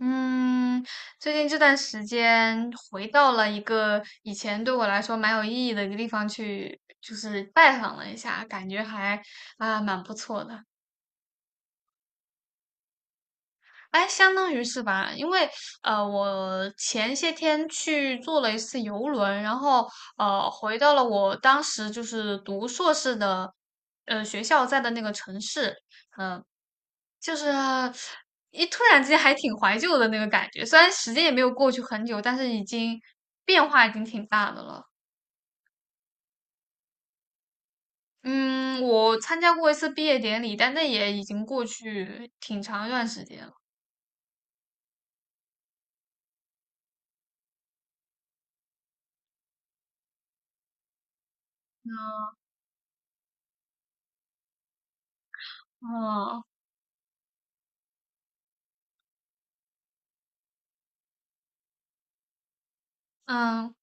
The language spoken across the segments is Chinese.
嗯，最近这段时间回到了一个以前对我来说蛮有意义的一个地方去，就是拜访了一下，感觉还蛮不错的。哎，相当于是吧，因为我前些天去坐了一次游轮，然后回到了我当时就是读硕士的学校在的那个城市，就是突然之间还挺怀旧的那个感觉，虽然时间也没有过去很久，但是变化已经挺大的了。嗯，我参加过一次毕业典礼，但那也已经过去挺长一段时间了。嗯嗯。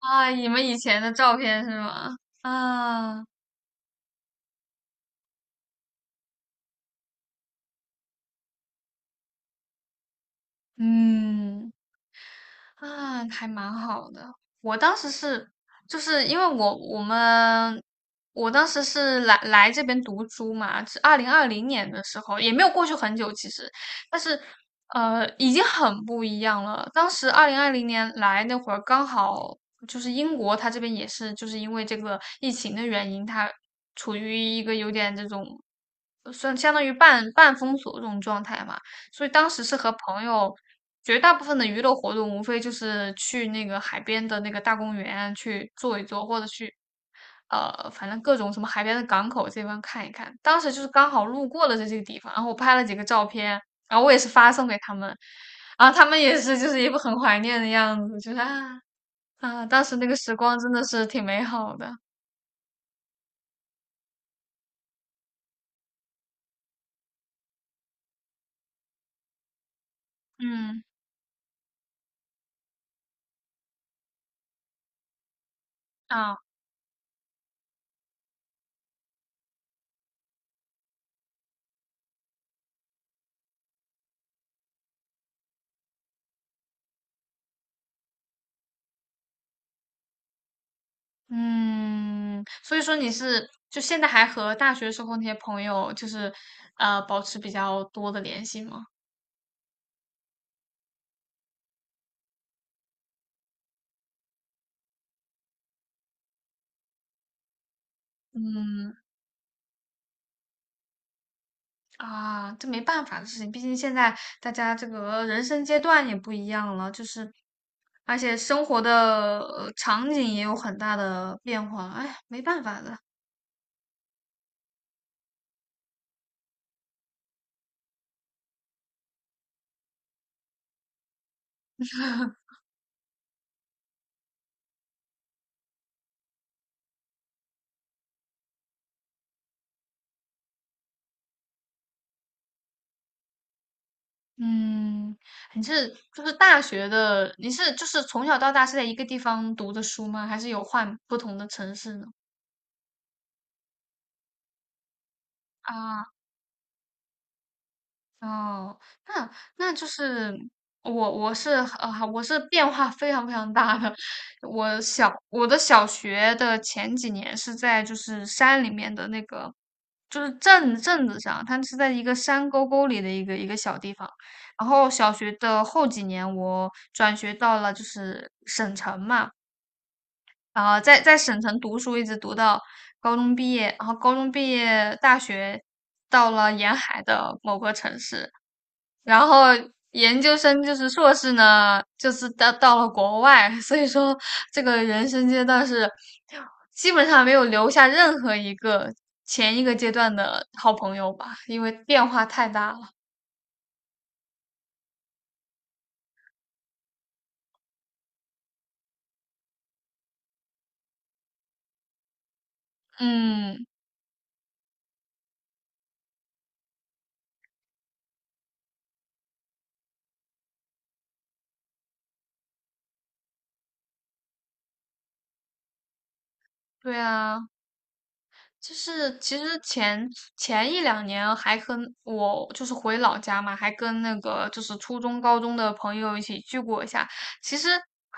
啊，你们以前的照片是吗？啊。嗯。啊，还蛮好的。我当时是，就是因为我当时是来这边读书嘛，是二零二零年的时候，也没有过去很久其实，但是已经很不一样了。当时二零二零年来那会儿，刚好就是英国，它这边也是就是因为这个疫情的原因，它处于一个有点这种。算相当于半封锁这种状态嘛，所以当时是和朋友，绝大部分的娱乐活动无非就是去那个海边的那个大公园去坐一坐，或者去反正各种什么海边的港口这边看一看。当时就是刚好路过了这些地方，然后我拍了几个照片，然后我也是发送给他们，然后他们也是就是一副很怀念的样子，就是当时那个时光真的是挺美好的。嗯。啊。嗯，所以说你是就现在还和大学时候那些朋友，就是保持比较多的联系吗？嗯。啊，这没办法的事情，毕竟现在大家这个人生阶段也不一样了，就是而且生活的场景也有很大的变化，哎，没办法的。嗯，你是就是大学的，你是就是从小到大是在一个地方读的书吗？还是有换不同的城市呢？啊。哦，那那就是我是变化非常非常大的。我的小学的前几年是在就是山里面的那个，就是镇子上，它是在一个山沟沟里的一个一个小地方。然后小学的后几年，我转学到了就是省城嘛，在省城读书，一直读到高中毕业，然后高中毕业，大学到了沿海的某个城市。然后研究生就是硕士呢，就是到了国外，所以说这个人生阶段是基本上没有留下任何一个前一个阶段的好朋友吧，因为变化太大了。嗯，对啊。就是其实前一两年还跟我就是回老家嘛，还跟那个就是初中、高中的朋友一起聚过一下。其实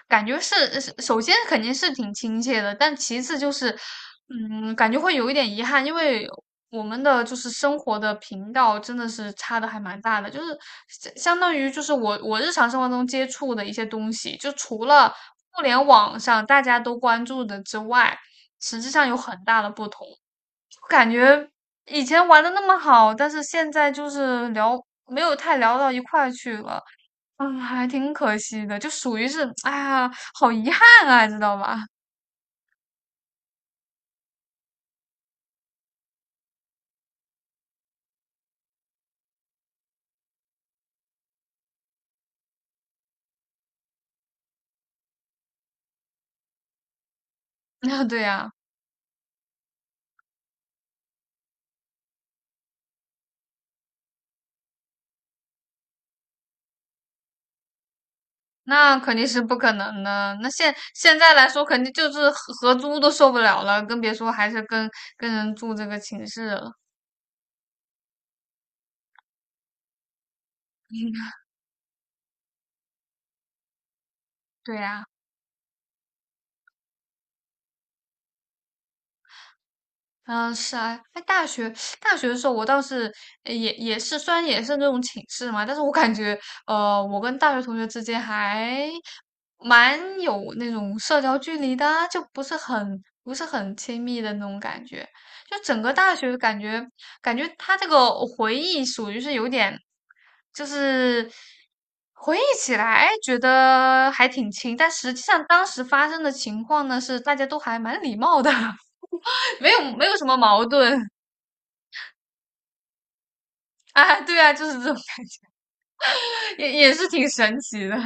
感觉是首先肯定是挺亲切的，但其次就是，感觉会有一点遗憾，因为我们的就是生活的频道真的是差的还蛮大的，就是相当于就是我日常生活中接触的一些东西，就除了互联网上大家都关注的之外，实际上有很大的不同。我感觉以前玩的那么好，但是现在就是没有太聊到一块儿去了，还挺可惜的，就属于是，哎呀，好遗憾啊，知道吧？那对呀，那肯定是不可能的。那现在来说，肯定就是合租都受不了了，更别说还是跟人住这个寝室了。对呀。嗯，是啊，在大学的时候，我倒是也是，虽然也是那种寝室嘛，但是我感觉，我跟大学同学之间还蛮有那种社交距离的啊，就不是很亲密的那种感觉。就整个大学感觉，他这个回忆属于是有点，就是回忆起来觉得还挺亲，但实际上当时发生的情况呢，是大家都还蛮礼貌的。没有什么矛盾啊，对啊，就是这种感觉，也是挺神奇的。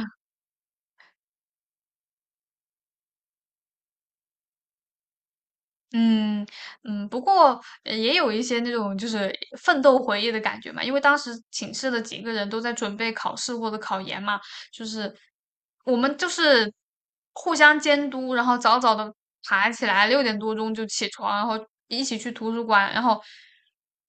嗯。嗯，不过也有一些那种就是奋斗回忆的感觉嘛，因为当时寝室的几个人都在准备考试或者考研嘛，就是我们就是互相监督，然后早早的爬起来，6点多钟就起床，然后一起去图书馆，然后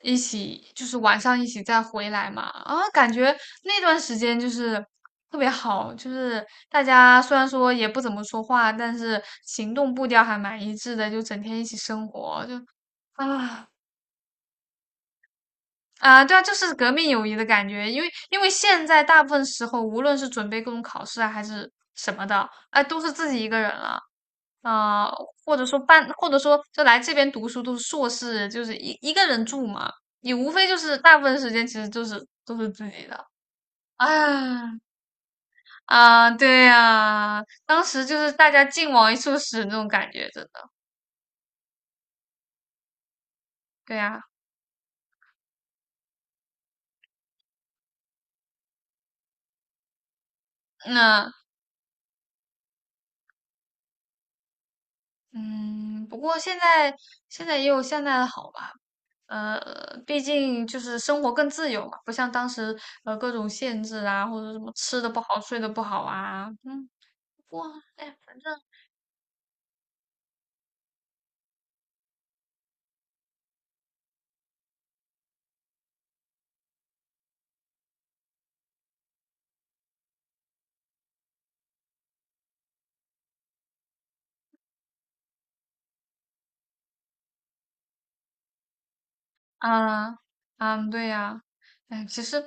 一起就是晚上一起再回来嘛。啊，感觉那段时间就是特别好，就是大家虽然说也不怎么说话，但是行动步调还蛮一致的，就整天一起生活，就啊。啊，对啊，就是革命友谊的感觉，因为现在大部分时候，无论是准备各种考试啊，还是什么的，哎，都是自己一个人了，啊、或者说就来这边读书都是硕士，就是一个人住嘛，你无非就是大部分时间其实就是都是自己的。啊，啊，对呀、当时就是大家劲往一处使那种感觉，真的，对呀、那嗯，不过现在也有现在的好吧。呃，毕竟就是生活更自由嘛，不像当时各种限制啊，或者什么吃的不好、睡的不好啊，不过哎，反正啊，嗯，对呀，哎，其实，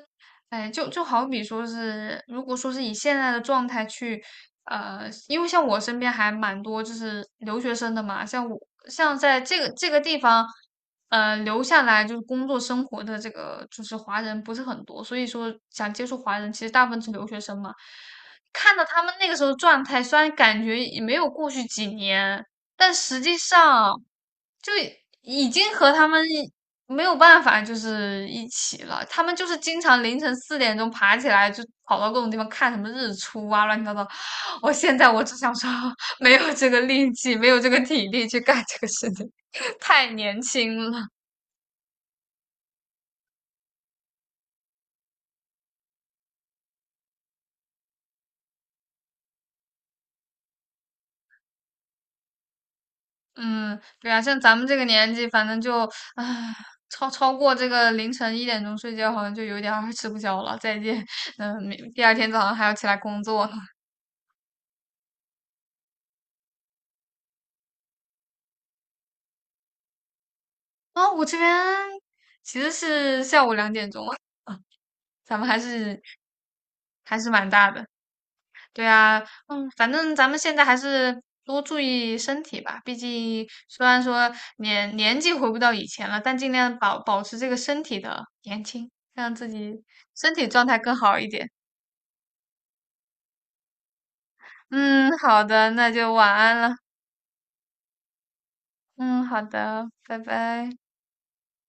哎，就好比说是，如果说是以现在的状态去，因为像我身边还蛮多就是留学生的嘛，像在这个地方，留下来就是工作生活的这个就是华人不是很多，所以说想接触华人，其实大部分是留学生嘛。看到他们那个时候状态，虽然感觉也没有过去几年，但实际上就已经和他们。没有办法，就是一起了。他们就是经常凌晨4点钟爬起来，就跑到各种地方看什么日出啊，乱七八糟。我现在我只想说，没有这个力气，没有这个体力去干这个事情，太年轻了。嗯，对啊，像咱们这个年纪，反正就唉，超过这个凌晨1点钟睡觉，好像就有点儿吃不消了。再见，第二天早上还要起来工作呢。我这边其实是下午2点钟。咱们还是蛮大的。对啊，反正咱们现在还是多注意身体吧。毕竟虽然说年纪回不到以前了，但尽量保持这个身体的年轻，让自己身体状态更好一点。嗯，好的，那就晚安了。嗯，好的，拜拜。